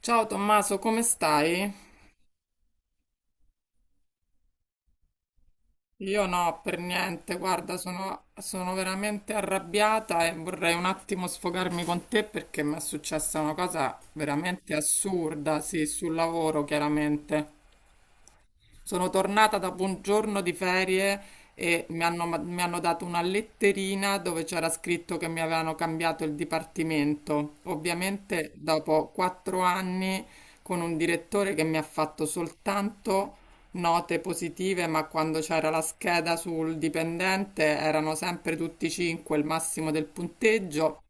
Ciao Tommaso, come stai? Io no, per niente, guarda, sono veramente arrabbiata e vorrei un attimo sfogarmi con te perché mi è successa una cosa veramente assurda, sì, sul lavoro, chiaramente. Sono tornata dopo un giorno di ferie e mi hanno dato una letterina dove c'era scritto che mi avevano cambiato il dipartimento. Ovviamente dopo quattro anni con un direttore che mi ha fatto soltanto note positive, ma quando c'era la scheda sul dipendente erano sempre tutti cinque il massimo del punteggio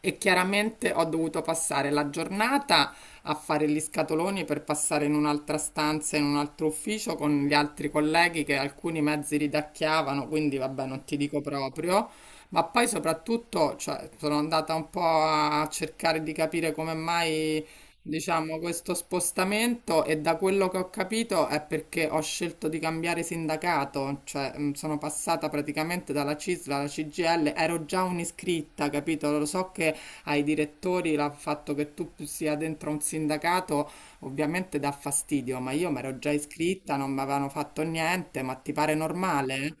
e chiaramente ho dovuto passare la giornata a fare gli scatoloni per passare in un'altra stanza, in un altro ufficio con gli altri colleghi che alcuni mezzi ridacchiavano, quindi vabbè, non ti dico proprio. Ma poi soprattutto, cioè, sono andata un po' a cercare di capire come mai diciamo, questo spostamento, e da quello che ho capito è perché ho scelto di cambiare sindacato, cioè sono passata praticamente dalla CISL alla CGL, ero già un'iscritta, capito? Lo so che ai direttori il fatto che tu sia dentro un sindacato ovviamente dà fastidio, ma io mi ero già iscritta, non mi avevano fatto niente, ma ti pare normale?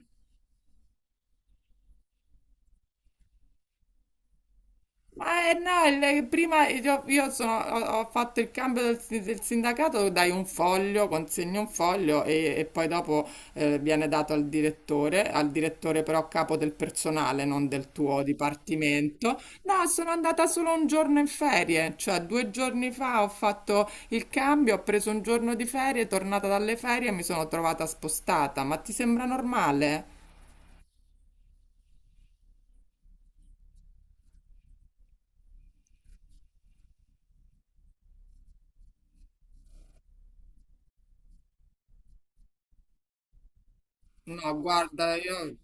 Ma no, prima io ho fatto il cambio del sindacato, dai un foglio, consegni un foglio e poi dopo viene dato al direttore però capo del personale, non del tuo dipartimento. No, sono andata solo un giorno in ferie, cioè due giorni fa ho fatto il cambio, ho preso un giorno di ferie, tornata dalle ferie e mi sono trovata spostata. Ma ti sembra normale? No, guarda, io...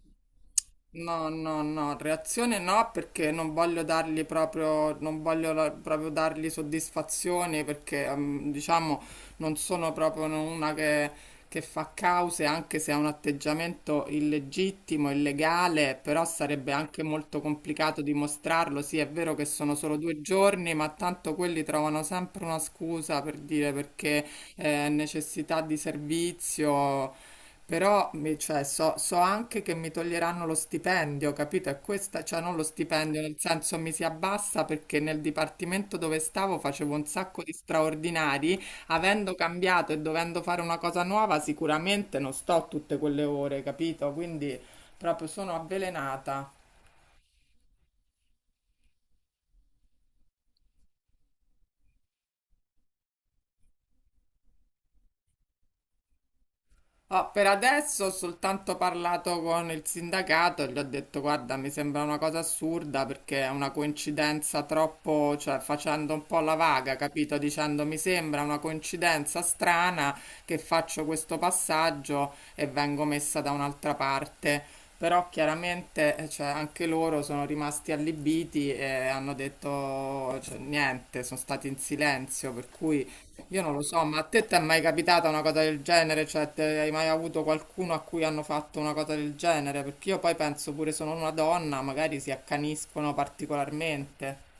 No, no, no, reazione no perché non voglio dargli proprio, non voglio proprio dargli soddisfazione perché diciamo non sono proprio no, una che fa cause anche se ha un atteggiamento illegittimo, illegale, però sarebbe anche molto complicato dimostrarlo. Sì, è vero che sono solo due giorni, ma tanto quelli trovano sempre una scusa per dire perché necessità di servizio. Però cioè, so anche che mi toglieranno lo stipendio, capito? E questa, cioè non lo stipendio, nel senso mi si abbassa perché nel dipartimento dove stavo facevo un sacco di straordinari, avendo cambiato e dovendo fare una cosa nuova, sicuramente non sto tutte quelle ore, capito? Quindi proprio sono avvelenata. Ah, per adesso ho soltanto parlato con il sindacato e gli ho detto: Guarda, mi sembra una cosa assurda perché è una coincidenza troppo, cioè facendo un po' la vaga, capito? Dicendo mi sembra una coincidenza strana che faccio questo passaggio e vengo messa da un'altra parte. Però chiaramente, cioè, anche loro sono rimasti allibiti e hanno detto, cioè, niente, sono stati in silenzio, per cui. Io non lo so, ma a te ti è mai capitata una cosa del genere? Cioè, hai mai avuto qualcuno a cui hanno fatto una cosa del genere? Perché io poi penso pure sono una donna, magari si accaniscono particolarmente.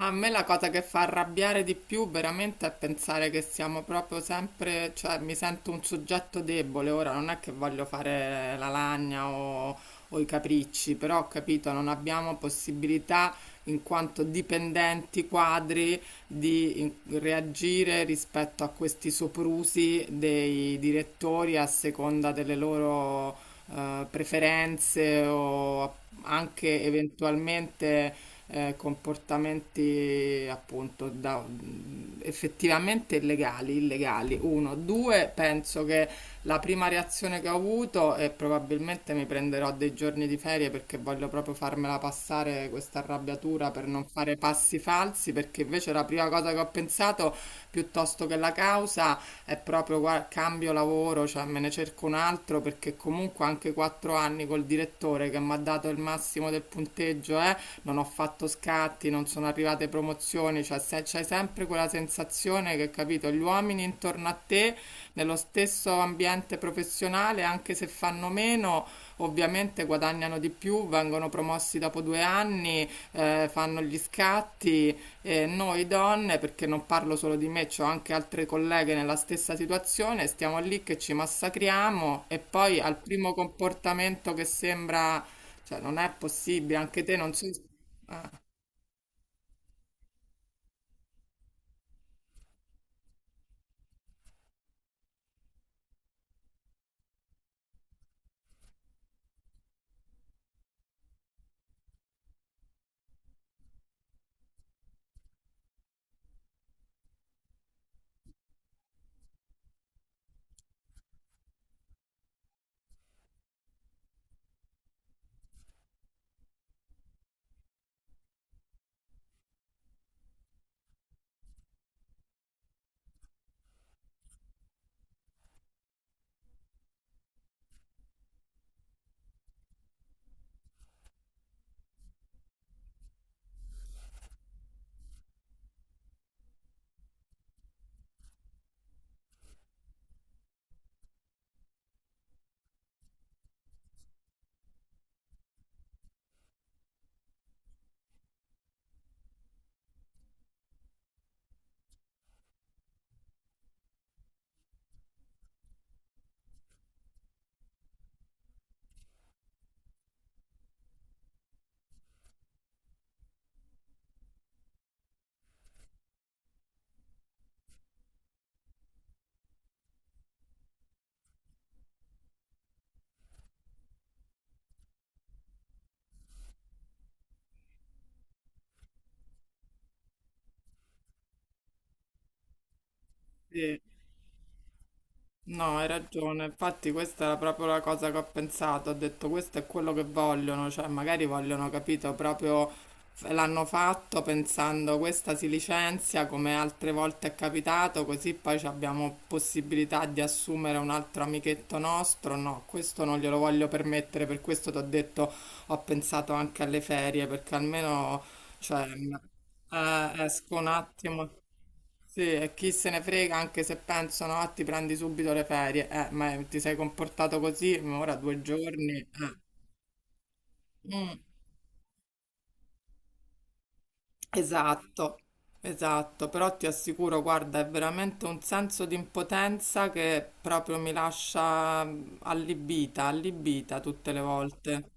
A me la cosa che fa arrabbiare di più veramente è pensare che siamo proprio sempre, cioè mi sento un soggetto debole, ora non è che voglio fare la lagna o i capricci, però ho capito, non abbiamo possibilità in quanto dipendenti quadri di reagire rispetto a questi soprusi dei direttori a seconda delle loro preferenze o anche eventualmente comportamenti appunto effettivamente illegali. Uno, due, penso che la prima reazione che ho avuto e probabilmente mi prenderò dei giorni di ferie perché voglio proprio farmela passare questa arrabbiatura per non fare passi falsi, perché invece la prima cosa che ho pensato piuttosto che la causa è proprio guarda, cambio lavoro, cioè me ne cerco un altro perché comunque anche quattro anni col direttore che mi ha dato il massimo del punteggio, non ho fatto scatti, non sono arrivate promozioni, cioè c'hai sempre quella sensazione che, capito, gli uomini intorno a te, nello stesso ambiente professionale, anche se fanno meno, ovviamente guadagnano di più, vengono promossi dopo due anni, fanno gli scatti e noi donne, perché non parlo solo di me, ho anche altre colleghe nella stessa situazione, stiamo lì che ci massacriamo e poi al primo comportamento che sembra, cioè non è possibile, anche te non so. Eh, sì. No, hai ragione. Infatti questa era proprio la cosa che ho pensato. Ho detto questo è quello che vogliono, cioè magari vogliono, capito, proprio l'hanno fatto pensando questa si licenzia come altre volte è capitato, così poi ci abbiamo possibilità di assumere un altro amichetto nostro. No, questo non glielo voglio permettere, per questo ti ho detto ho pensato anche alle ferie, perché almeno cioè, esco un attimo. Sì, e chi se ne frega, anche se pensano, ah, ti prendi subito le ferie. Ma ti sei comportato così, ma ora due giorni. Eh. Mm, esatto, esatto. Però ti assicuro, guarda, è veramente un senso di impotenza che proprio mi lascia allibita, allibita tutte le volte.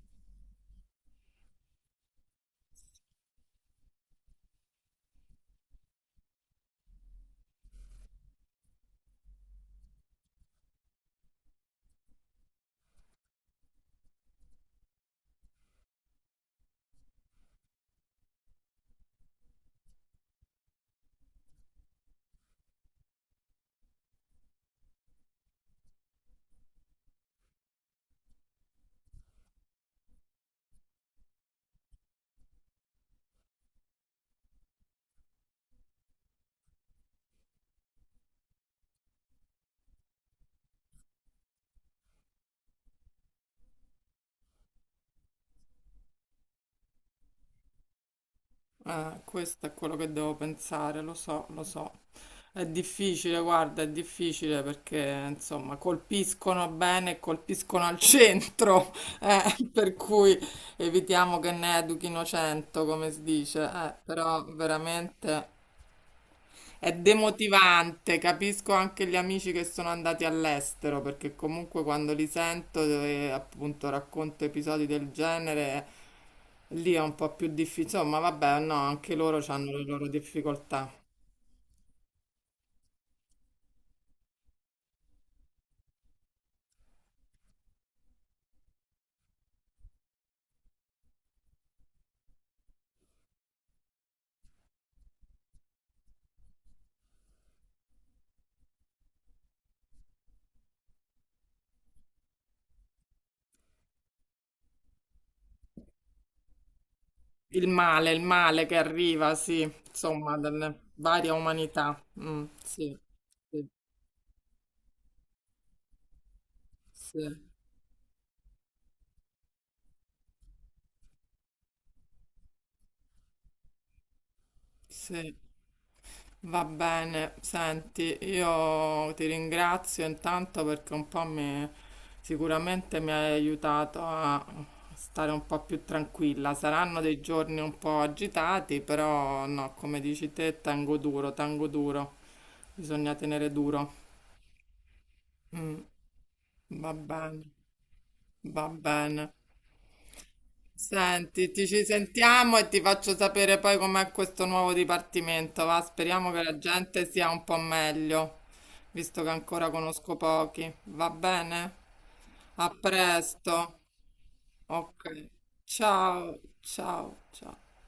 Questo è quello che devo pensare, lo so, lo so. È difficile, guarda, è difficile perché insomma colpiscono bene e colpiscono al centro, eh, per cui evitiamo che ne educhino 100, come si dice, però veramente è demotivante. Capisco anche gli amici che sono andati all'estero perché comunque quando li sento, appunto, racconto episodi del genere. Lì è un po' più difficile, ma vabbè, no, anche loro hanno le loro difficoltà. Il male che arriva, sì, insomma, dalle varie umanità. Mm, sì, sì, sì, sì. Va bene, senti, io ti ringrazio intanto perché un po' mi, sicuramente mi hai aiutato a stare un po' più tranquilla. Saranno dei giorni un po' agitati, però no, come dici te, tengo duro, tengo duro. Bisogna tenere duro. Mm, va bene, va bene. Senti, ti ci sentiamo e ti faccio sapere poi com'è questo nuovo dipartimento, va? Speriamo che la gente sia un po' meglio, visto che ancora conosco pochi. Va bene? A presto. Ok. Ciao, ciao, ciao.